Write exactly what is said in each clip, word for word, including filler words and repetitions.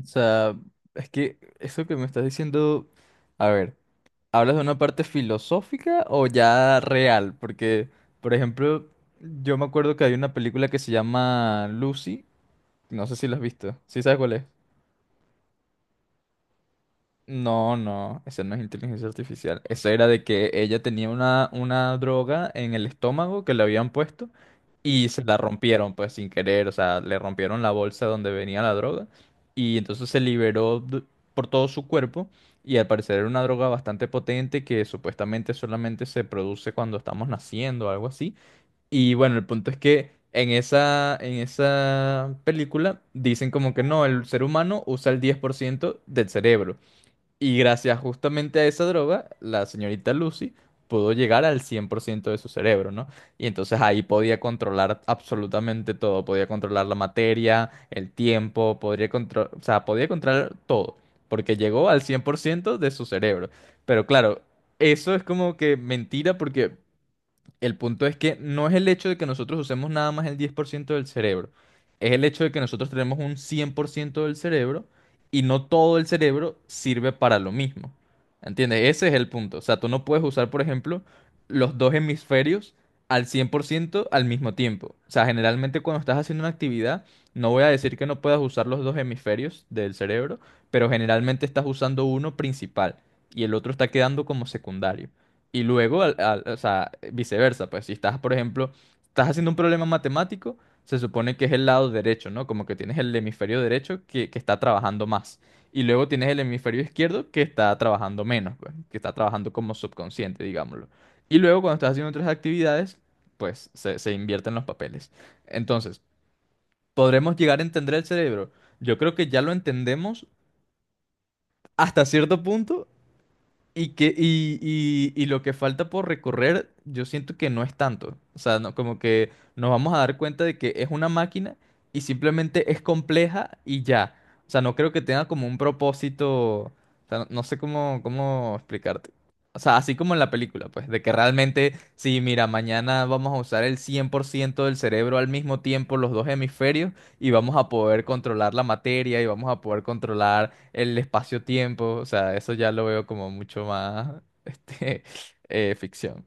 O sea, es que eso que me estás diciendo, a ver, ¿hablas de una parte filosófica o ya real? Porque, por ejemplo, yo me acuerdo que hay una película que se llama Lucy, no sé si la has visto, ¿sí sabes cuál es? No, no, esa no es inteligencia artificial. Eso era de que ella tenía una, una droga en el estómago que le habían puesto y se la rompieron, pues sin querer, o sea, le rompieron la bolsa donde venía la droga y entonces se liberó d- por todo su cuerpo y al parecer era una droga bastante potente que supuestamente solamente se produce cuando estamos naciendo o algo así. Y bueno, el punto es que en esa, en esa película dicen como que no, el ser humano usa el diez por ciento del cerebro. Y gracias justamente a esa droga, la señorita Lucy pudo llegar al cien por ciento de su cerebro, ¿no? Y entonces ahí podía controlar absolutamente todo, podía controlar la materia, el tiempo, podría controlar, o sea, podía controlar todo, porque llegó al cien por ciento de su cerebro. Pero claro, eso es como que mentira porque el punto es que no es el hecho de que nosotros usemos nada más el diez por ciento del cerebro, es el hecho de que nosotros tenemos un cien por ciento del cerebro y no todo el cerebro sirve para lo mismo. ¿Entiendes? Ese es el punto. O sea, tú no puedes usar, por ejemplo, los dos hemisferios al cien por ciento al mismo tiempo. O sea, generalmente cuando estás haciendo una actividad, no voy a decir que no puedas usar los dos hemisferios del cerebro, pero generalmente estás usando uno principal y el otro está quedando como secundario. Y luego, al- al- o sea, viceversa, pues si estás, por ejemplo, estás haciendo un problema matemático, se supone que es el lado derecho, ¿no? Como que tienes el hemisferio derecho que, que está trabajando más. Y luego tienes el hemisferio izquierdo que está trabajando menos, pues, que está trabajando como subconsciente, digámoslo. Y luego, cuando estás haciendo otras actividades, pues se, se invierten los papeles. Entonces, ¿podremos llegar a entender el cerebro? Yo creo que ya lo entendemos hasta cierto punto y que, y, y, y lo que falta por recorrer, yo siento que no es tanto. O sea, no, como que nos vamos a dar cuenta de que es una máquina y simplemente es compleja y ya. O sea, no creo que tenga como un propósito. O sea, no, no sé cómo, cómo explicarte. O sea, así como en la película, pues, de que realmente, sí, mira, mañana vamos a usar el cien por ciento del cerebro al mismo tiempo, los dos hemisferios, y vamos a poder controlar la materia y vamos a poder controlar el espacio-tiempo, o sea, eso ya lo veo como mucho más, este, eh, ficción.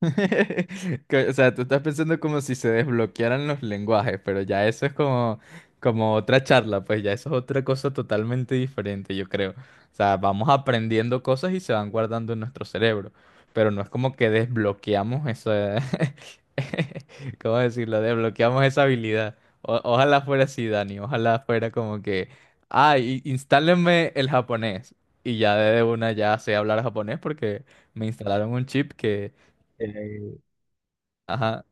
Que- O sea, tú estás pensando como si se desbloquearan los lenguajes, pero ya eso es como, como otra charla, pues ya eso es otra cosa totalmente diferente, yo creo. O sea, vamos aprendiendo cosas y se van guardando en nuestro cerebro, pero no es como que desbloqueamos esa... ¿Cómo decirlo? Desbloqueamos esa habilidad. O- ojalá fuera así, Dani, ojalá fuera como que, ay, ah, instálenme el japonés. Y ya de una ya sé hablar japonés porque me instalaron un chip eh, ajá.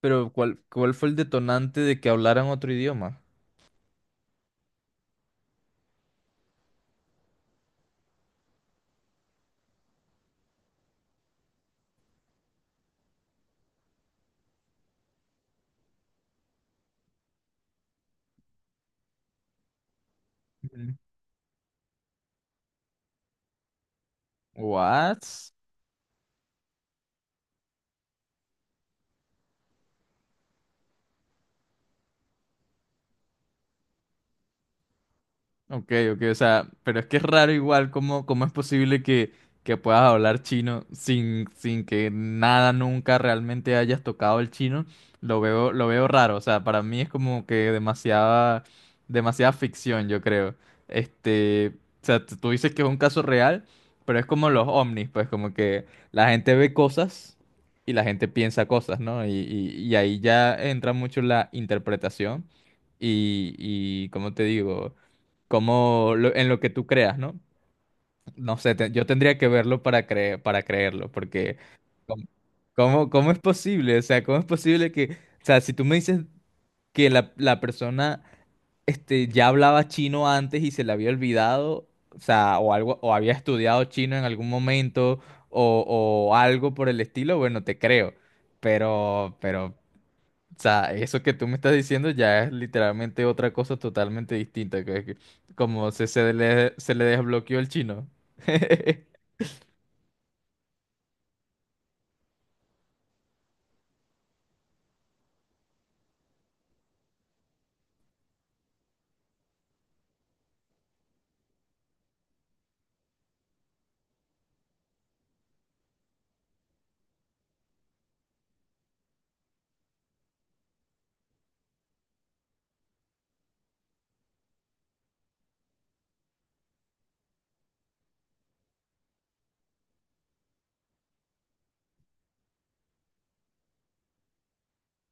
Pero ¿cuál, cuál fue el detonante de que hablaran otro idioma? Ujú. What? Ok, ok, o sea, pero es que es raro igual cómo, cómo es posible que, que puedas hablar chino sin, sin que nada nunca realmente hayas tocado el chino. Lo veo, lo veo raro, o sea, para mí es como que demasiada, demasiada ficción, yo creo. Este, o sea, t- tú dices que es un caso real, pero es como los ovnis, pues como que la gente ve cosas y la gente piensa cosas, ¿no? Y, y, y ahí ya entra mucho la interpretación y, y ¿cómo te digo? Como lo- en lo que tú creas, ¿no? No sé, te- yo tendría que verlo para cre- para creerlo, porque ¿cómo, cómo cómo es posible? O sea, ¿cómo es posible que, o sea, si tú me dices que la, la persona este, ya hablaba chino antes y se le había olvidado, o sea, o algo, o había estudiado chino en algún momento, o, o algo por el estilo, bueno, te creo. Pero, pero o sea, eso que tú me estás diciendo ya es literalmente otra cosa totalmente distinta, que, que- como se, se le, se le desbloqueó el chino.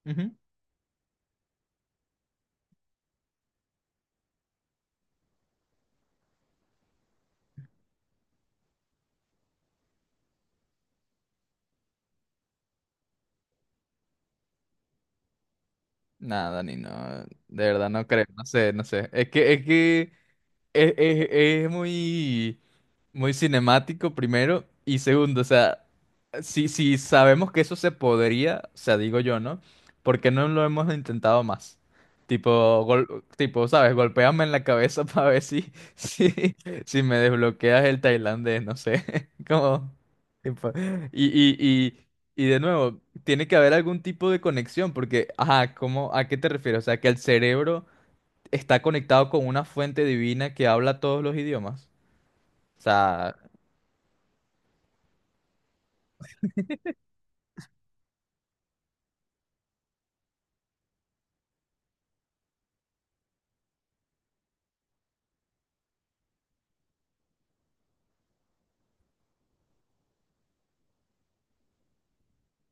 Ujú. Nada, ni no, de verdad no creo, no sé, no sé. Es que, es que Es, es- es muy, muy cinemático, primero. Y segundo, o sea, si, si sabemos que eso se podría, o sea, digo yo, ¿no? ¿Por qué no lo hemos intentado más? Tipo, gol- tipo, ¿sabes? Golpéame en la cabeza para ver si, si, si me desbloqueas el tailandés, no sé. Como, tipo, y, y, y, y de nuevo, tiene que haber algún tipo de conexión, porque, ajá, ¿cómo, a qué te refieres? O sea, que el cerebro está conectado con una fuente divina que habla todos los idiomas. O sea,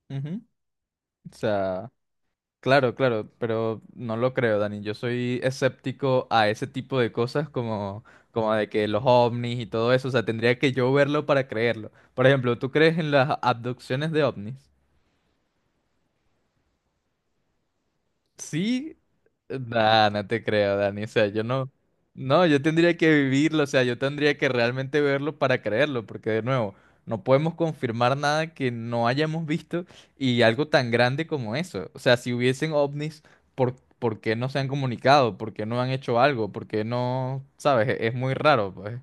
ujú, o sea, claro, claro, pero no lo creo, Dani. Yo soy escéptico a ese tipo de cosas como, como de que los ovnis y todo eso. O sea, tendría que yo verlo para creerlo. Por ejemplo, ¿tú crees en las abducciones de ovnis? Sí, nah, no te creo, Dani. O sea, yo no, no, yo tendría que vivirlo, o sea, yo tendría que realmente verlo para creerlo, porque de nuevo, no podemos confirmar nada que no hayamos visto y algo tan grande como eso. O sea, si hubiesen ovnis, ¿por, por qué no se han comunicado? ¿Por qué no han hecho algo? ¿Por qué no, sabes? Es es muy raro, pues.